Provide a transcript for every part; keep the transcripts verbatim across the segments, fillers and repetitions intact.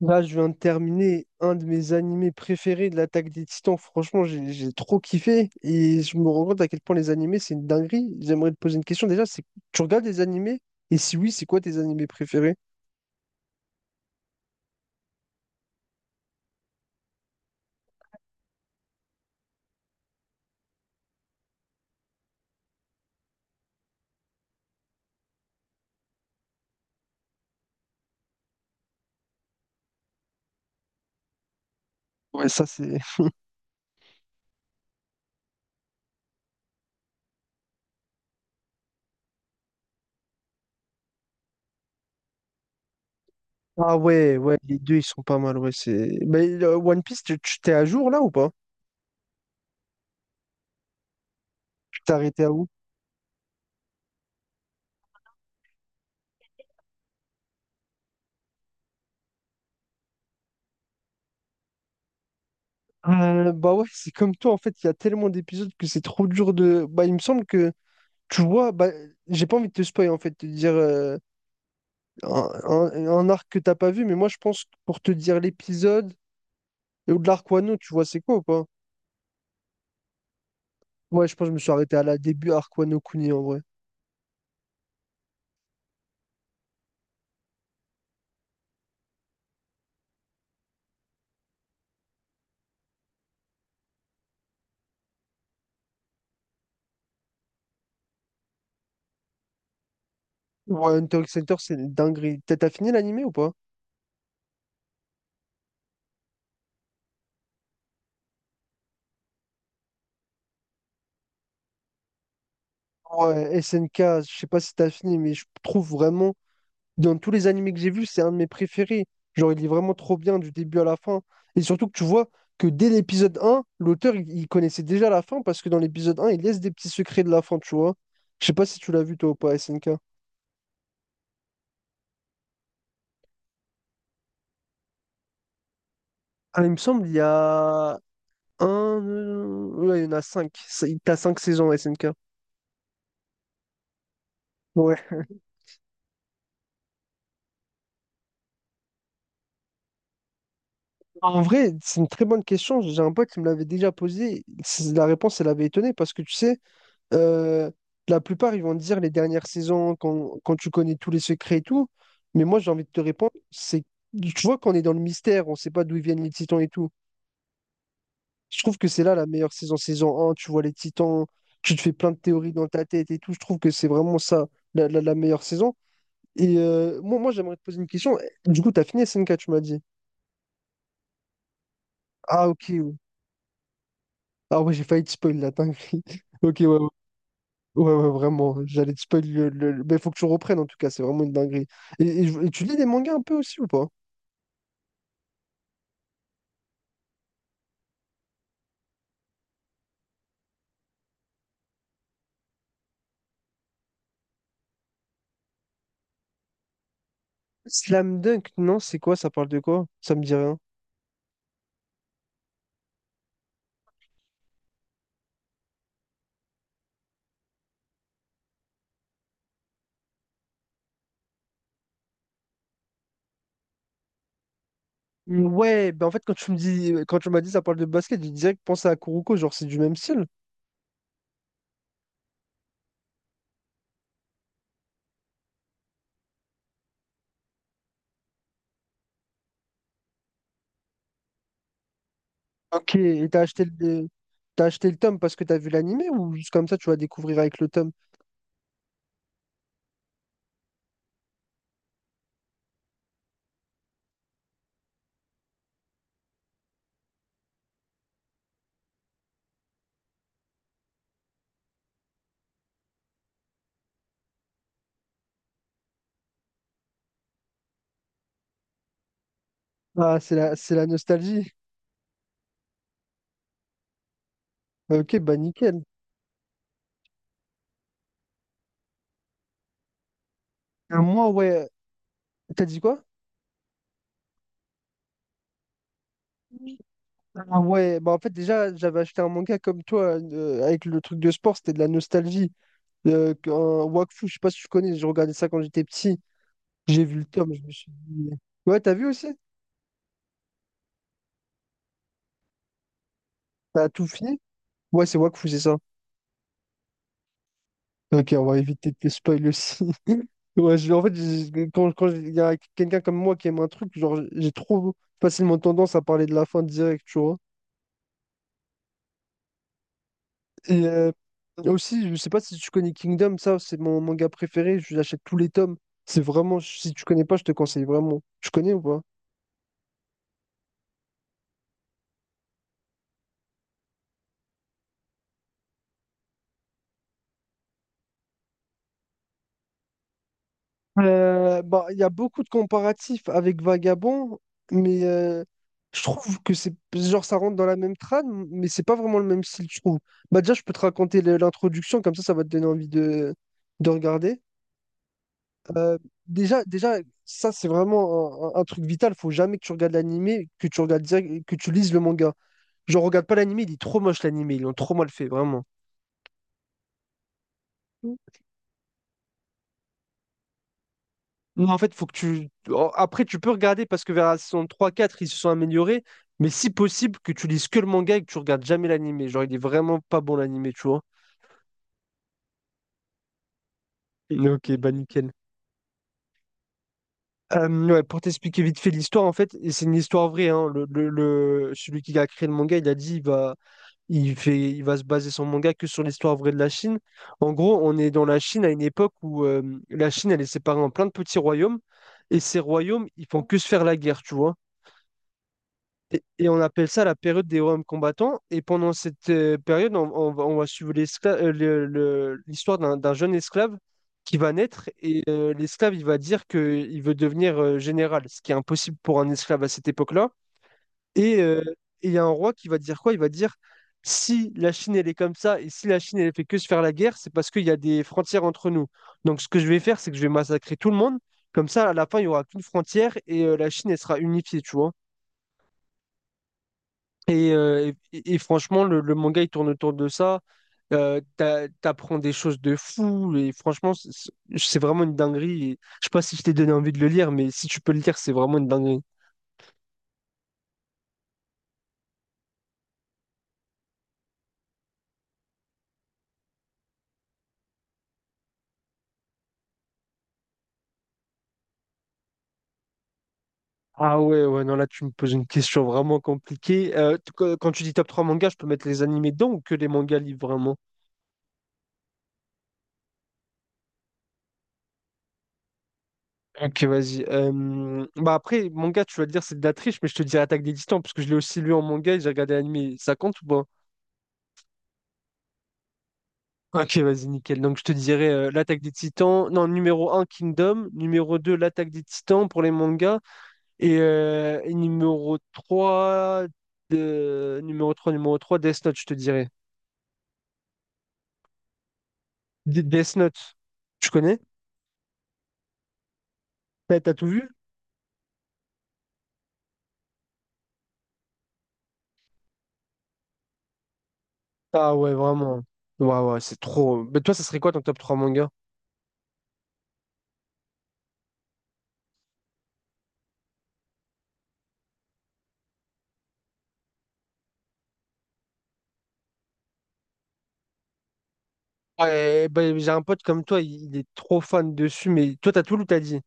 Là, je viens de terminer un de mes animés préférés de l'Attaque des Titans. Franchement, j'ai j'ai trop kiffé et je me rends compte à quel point les animés, c'est une dinguerie. J'aimerais te poser une question déjà, c'est tu regardes les animés? Et si oui, c'est quoi tes animés préférés? Ouais, ça c'est. Ah ouais, ouais, les deux ils sont pas mal, ouais, c'est. Mais euh, One Piece, tu tu- t'es à jour là ou pas? Tu t'es arrêté à où? Euh, bah ouais, c'est comme toi, en fait, il y a tellement d'épisodes que c'est trop dur de. Bah, il me semble que, tu vois, bah, j'ai pas envie de te spoiler, en fait, de dire. euh, un, un- un arc que t'as pas vu, mais moi je pense que pour te dire l'épisode ou de l'arc Wano, tu vois c'est quoi ou pas? Ouais, je pense que je me suis arrêté à la début arc Wano Kuni en vrai. Ouais, Hunter x Hunter, c'est une dinguerie. T'as t'as fini l'animé ou pas? Ouais, S N K, je sais pas si t'as fini, mais je trouve vraiment, dans tous les animés que j'ai vus, c'est un de mes préférés. Genre, il est vraiment trop bien du début à la fin. Et surtout que tu vois que dès l'épisode un l'auteur, il, il connaissait déjà la fin parce que dans l'épisode un il laisse des petits secrets de la fin, tu vois. Je sais pas si tu l'as vu toi ou pas, S N K. Ah, il me semble, il y a un. euh, Ouais, il y en a cinq. C'est- T'as cinq saisons S N K. Ouais. En vrai, c'est une très bonne question. J'ai un pote qui me l'avait déjà posée. C'est- La réponse, elle avait étonné parce que tu sais, euh, la plupart, ils vont te dire les dernières saisons quand, quand, tu connais tous les secrets et tout. Mais moi, j'ai envie de te répondre, c'est tu vois qu'on est dans le mystère, on ne sait pas d'où ils viennent les titans et tout. Je trouve que c'est là la meilleure saison, saison un, tu vois les titans, tu te fais plein de théories dans ta tête et tout. Je trouve que c'est vraiment ça, la la- la meilleure saison. Et euh, moi, moi j'aimerais te poser une question. Du coup, t'as fini S N K, tu m'as dit. Ah, ok. Ouais. Ah, ouais, j'ai failli te spoil la dinguerie. Ok, ouais, ouais, ouais, ouais, vraiment. J'allais te spoil le, le- le- mais faut que tu reprennes, en tout cas, c'est vraiment une dinguerie. Et, et je- et tu lis des mangas un peu aussi ou pas? Slam Dunk, non, c'est quoi? Ça parle de quoi? Ça me dit rien. Ouais, ben en fait, quand tu me dis, quand tu m'as dit ça parle de basket, j'ai direct pensé à Kuroko, genre c'est du même style. Ok, et t'as acheté le, t'as acheté le tome parce que t'as vu l'animé ou juste comme ça tu vas découvrir avec le tome? Ah, c'est la, c'est la nostalgie. Euh, Ok, bah nickel. Euh, Moi, ouais, t'as dit quoi? Ah ouais, bah en fait, déjà, j'avais acheté un manga comme toi, euh, avec le truc de sport, c'était de la nostalgie. Euh, un Wakfu, je sais pas si tu connais, je regardais ça quand j'étais petit. J'ai vu le tome, je me suis dit. Ouais, t'as vu aussi? T'as tout fini? Ouais, c'est Wakfu, c'est ça. Ok, on va éviter de te spoil aussi. Ouais, je- en fait, j'ai- quand, quand il y a quelqu'un comme moi qui aime un truc, genre, j'ai trop facilement tendance à parler de la fin direct, tu vois. Et euh, aussi, je sais pas si tu connais Kingdom, ça, c'est mon manga préféré. Je l'achète tous les tomes. C'est vraiment, si tu connais pas, je te conseille vraiment. Tu connais ou pas? Euh, bah, il y a beaucoup de comparatifs avec Vagabond, mais euh, je trouve que c'est genre ça rentre dans la même trame, mais c'est pas vraiment le même style, je trouve. Bah, déjà, je peux te raconter le- l'introduction, comme ça, ça va te donner envie de, de regarder. Euh, déjà, déjà, ça, c'est vraiment un, un- un truc vital. Faut jamais que tu regardes l'animé, que tu regardes direct- que tu lises le manga. Je regarde pas l'animé, il est trop moche l'anime, ils l'ont trop mal fait, vraiment. Non, en fait, faut que tu. Oh, après, tu peux regarder parce que vers la saison trois, quatre, ils se sont améliorés, mais si possible, que tu lises que le manga et que tu regardes jamais l'animé. Genre, il est vraiment pas bon l'animé, tu vois. Mais ok, bah nickel. Euh, ouais, pour t'expliquer vite fait l'histoire, en fait, et c'est une histoire vraie, hein, le, le- le- celui qui a créé le manga, il a dit, il va Il fait, il va se baser son manga que sur l'histoire vraie de la Chine. En gros, on est dans la Chine à une époque où euh, la Chine, elle est séparée en plein de petits royaumes. Et ces royaumes, ils font que se faire la guerre, tu vois. Et, et on appelle ça la période des royaumes combattants. Et pendant cette euh, période, on, on va, on va suivre l'escla- euh, le- le- l'histoire d'un d'un jeune esclave qui va naître. Et euh, l'esclave, il va dire qu'il veut devenir euh, général, ce qui est impossible pour un esclave à cette époque-là. Et euh, et il y a un roi qui va dire quoi? Il va dire, si la Chine, elle est comme ça, et si la Chine, elle fait que se faire la guerre, c'est parce qu'il y a des frontières entre nous. Donc, ce que je vais faire, c'est que je vais massacrer tout le monde. Comme ça, à la fin, il n'y aura qu'une frontière et euh, la Chine, elle sera unifiée, tu vois. Et, euh, et, et franchement, le, le manga, il tourne autour de ça. Euh, t'a- t'apprends des choses de fou. Et franchement, c'est c'est vraiment une dinguerie. Et je sais pas si je t'ai donné envie de le lire, mais si tu peux le lire, c'est vraiment une dinguerie. Ah ouais, ouais, non, là tu me poses une question vraiment compliquée. Euh, t- quand quand tu dis top trois mangas, je peux mettre les animés dedans ou que les mangas livres vraiment? Ok, vas-y. Euh, bah après, manga, tu vas dire c'est de la triche, mais je te dirais Attaque des Titans, parce que je l'ai aussi lu en manga et j'ai regardé l'animé. Ça compte ou pas? Ok, vas-y, nickel. Donc je te dirais euh, l'Attaque des Titans. Non, numéro un Kingdom. Numéro deux l'Attaque des Titans pour les mangas. Et, euh, et numéro trois de... numéro trois numéro trois Death Note, je te dirais. D- Death Note, tu connais? T'as t'as tout vu? Ah ouais, vraiment. Ouais, ouais, c'est trop. Mais toi, ça serait quoi ton top trois manga? Ouais, bah, j'ai un pote comme toi, il, il est trop fan dessus, mais toi, t'as tout lu, t'as dit.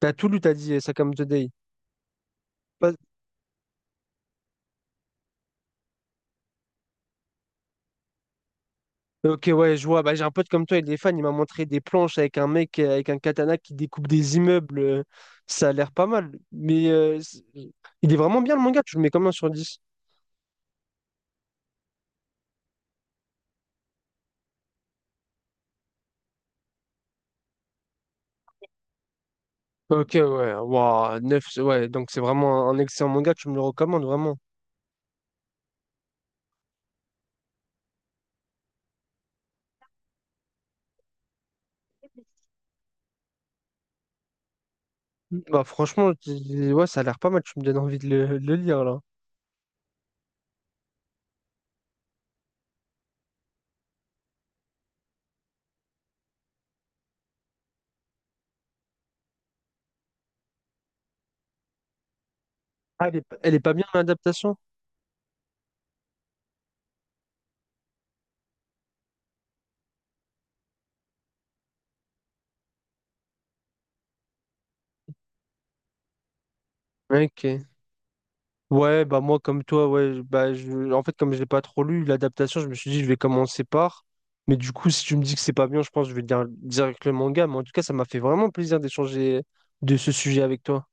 T'as tout lu, t'as dit, ça comme Today. Pas- Ok, ouais, je vois. Bah, j'ai un pote comme toi, il est fan, il m'a montré des planches avec un mec euh, avec un katana qui découpe des immeubles. euh, Ça a l'air pas mal. Mais euh, c'est- il est vraiment bien le manga, tu le mets combien sur dix? Ok, ouais, waouh, neuf, ouais, donc c'est vraiment un, un excellent manga, tu me le recommandes vraiment. Bah franchement, tu- ouais, ça a l'air pas mal, tu me donnes envie de le, de le lire là. Ah, elle est, pas- elle est pas bien l'adaptation? Ok. Ouais, bah moi comme toi, ouais, je- bah je, en fait comme je l'ai pas trop lu l'adaptation, je me suis dit je vais commencer par. Mais du coup, si tu me dis que c'est pas bien, je pense que je vais dire direct le manga. Mais en tout cas, ça m'a fait vraiment plaisir d'échanger de ce sujet avec toi.